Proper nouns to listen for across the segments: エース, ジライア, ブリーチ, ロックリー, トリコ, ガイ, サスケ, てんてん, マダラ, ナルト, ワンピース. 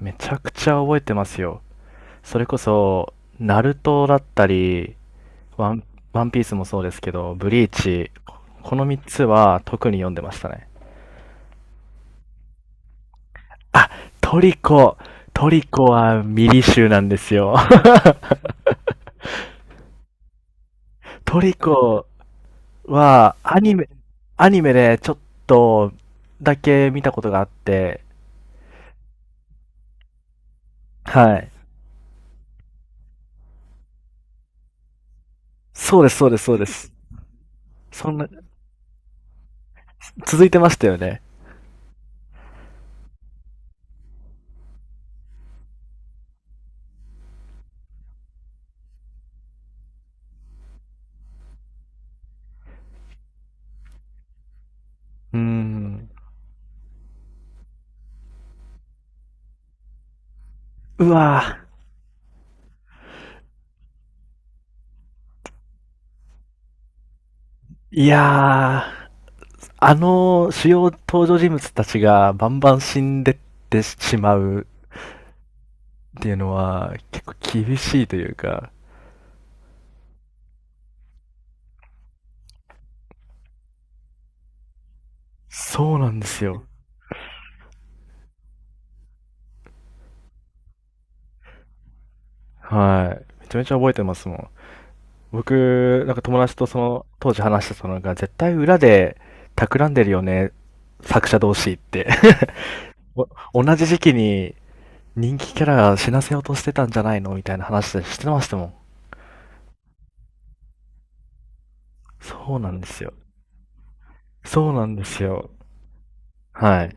めちゃくちゃ覚えてますよ。それこそ、ナルトだったり、ワン、ワンピースもそうですけど、ブリーチ、この3つは特に読んでましたね。トリコ、トリコはミリ集なんですよ。トリコはアニメでちょっとだけ見たことがあって、はい。そうです、そうです、そうです。そんな、続いてましたよね。うーん。うわぁ。いやー、あの主要登場人物たちがバンバン死んでってしまうっていうのは結構厳しいというか、そうなんですよ。はい。めちゃめちゃ覚えてますもん。僕、なんか友達とその当時話してたのが、絶対裏で企んでるよね、作者同士って。お同じ時期に人気キャラが死なせようとしてたんじゃないのみたいな話でしてましたもん。そうなんですよ。そうなんですよ。はい。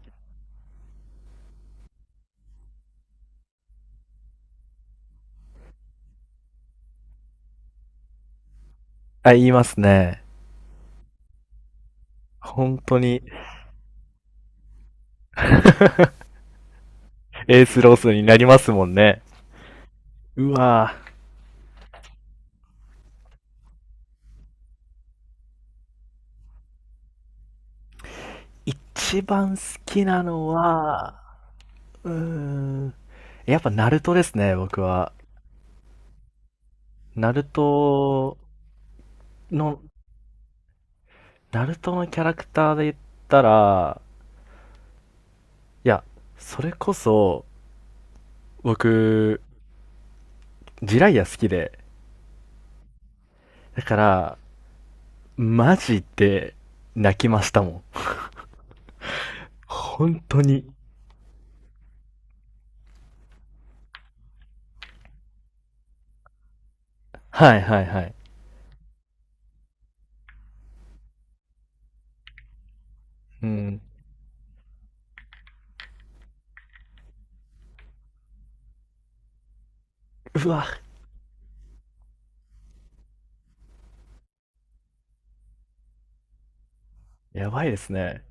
あ、言いますね。本当にエースロスになりますもんね。うわぁ。一番好きなのは、うーん。やっぱナルトですね、僕は。ナルトの、ナルトのキャラクターで言ったら、いや、それこそ、僕、ジライア好きで。だから、マジで泣きましたもん。本当に。はいはいはい。うん。うわ、やばいですね。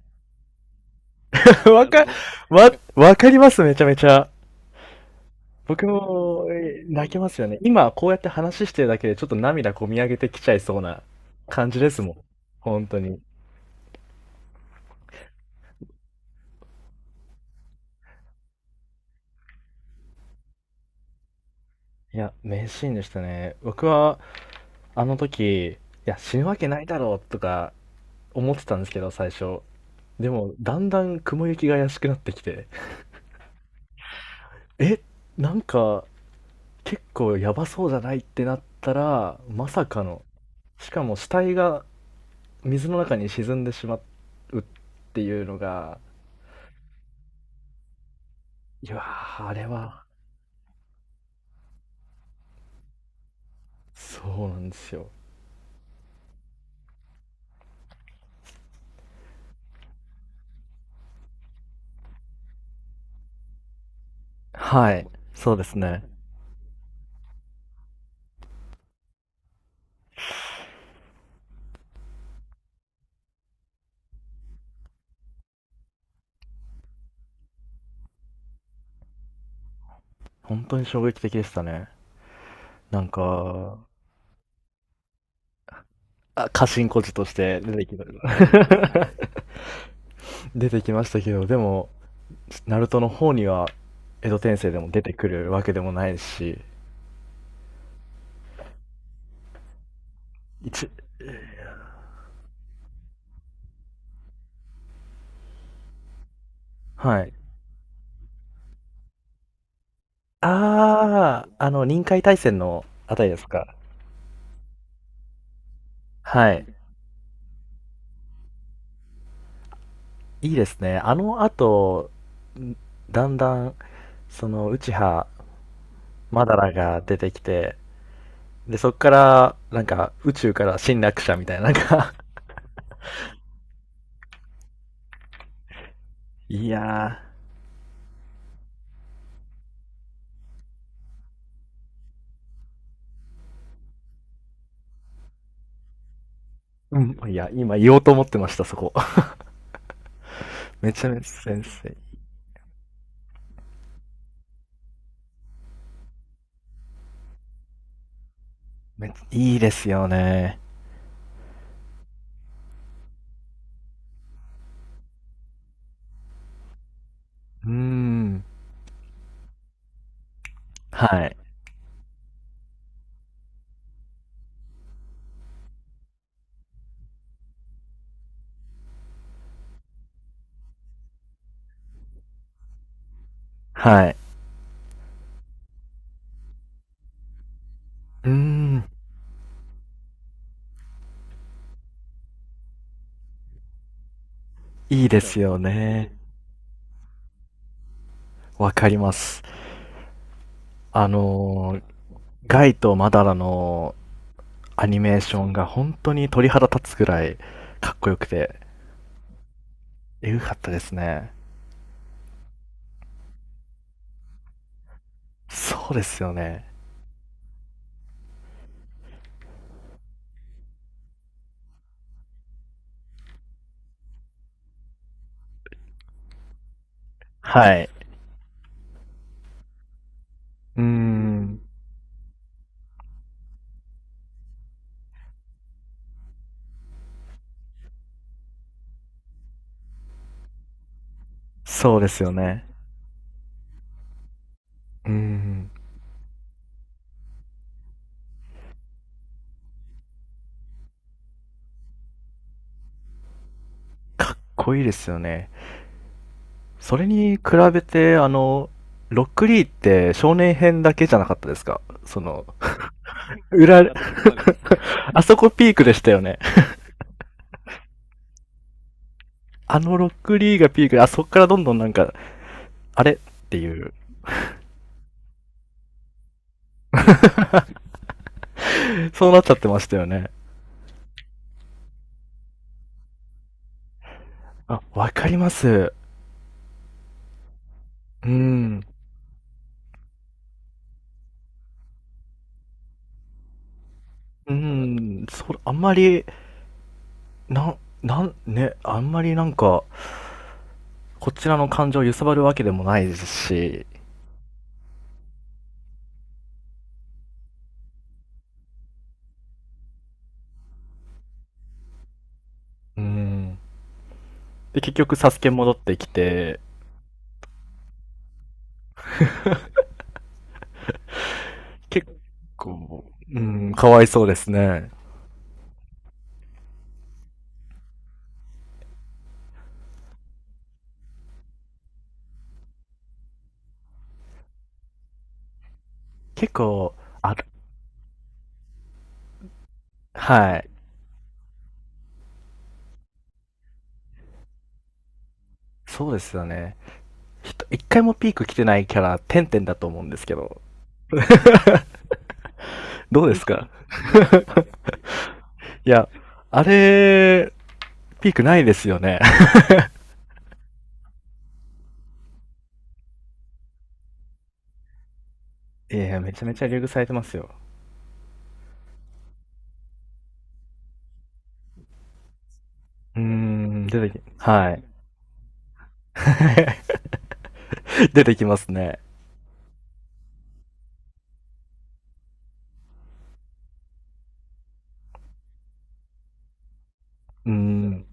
わか、わかります、めちゃめちゃ。僕も泣けますよね。今こうやって話してるだけでちょっと涙こみ上げてきちゃいそうな感じですもん。本当に。いや、名シーンでしたね。僕はあの時、いや、死ぬわけないだろうとか思ってたんですけど、最初。でも、だんだん雲行きが怪しくなってきて、え、なんか結構やばそうじゃないってなったら、まさかの、しかも死体が水の中に沈んでしまうっていうのが、いやー、あれはそうなんですよ。はい。そうですね。本当に衝撃的でしたね。なんか、あ過信小孤児として出てきました。 出てきましたけど、でも、ナルトの方には、江戸転生でも出てくるわけでもないし、一、はい。あー、あの、臨海大戦のあたりですか。はい。いいですね。あの後、んだんだん、その、内葉マダラが出てきて、で、そっから、なんか、宇宙から侵略者みたいな、なんか、いやー、うん、いや、今言おうと思ってました、そこ。めちゃめちゃ先生。めっちゃいいですよね。うーん。はい。はい。うーん。いいですよね。わかります。あのーガイとマダラのアニメーションが本当に鳥肌立つぐらいかっこよくて、えぐかったですね。そうですよね。はい。うーん。そうですよね。うーん、濃いですよね。それに比べて、あの、ロックリーって少年編だけじゃなかったですかその、裏、ああそこピークでしたよね。あのロックリーがピークで、あそこからどんどんなんか、あれっていう、そうなっちゃってましたよね。あ、わかります。うん。うん、そ、あんまり、なん、なん、ね、あんまりなんか、こちらの感情を揺さばるわけでもないですし、うん。で、結局、サスケ戻ってきて、結構、うん、かわいそうですね。結構、あ、はい。そうですよね。ひと一回もピーク来てないキャラ、てんてんだと思うんですけど、どうですか？ いや、あれ、ピークないですよね。いや、めちゃめちゃ流遇されてますよ。うーん、出てき、はい。出てきますね。うーん、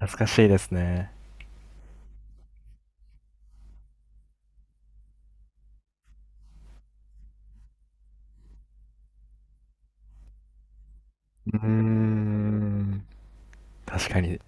懐かしいですね。うーん。確かに。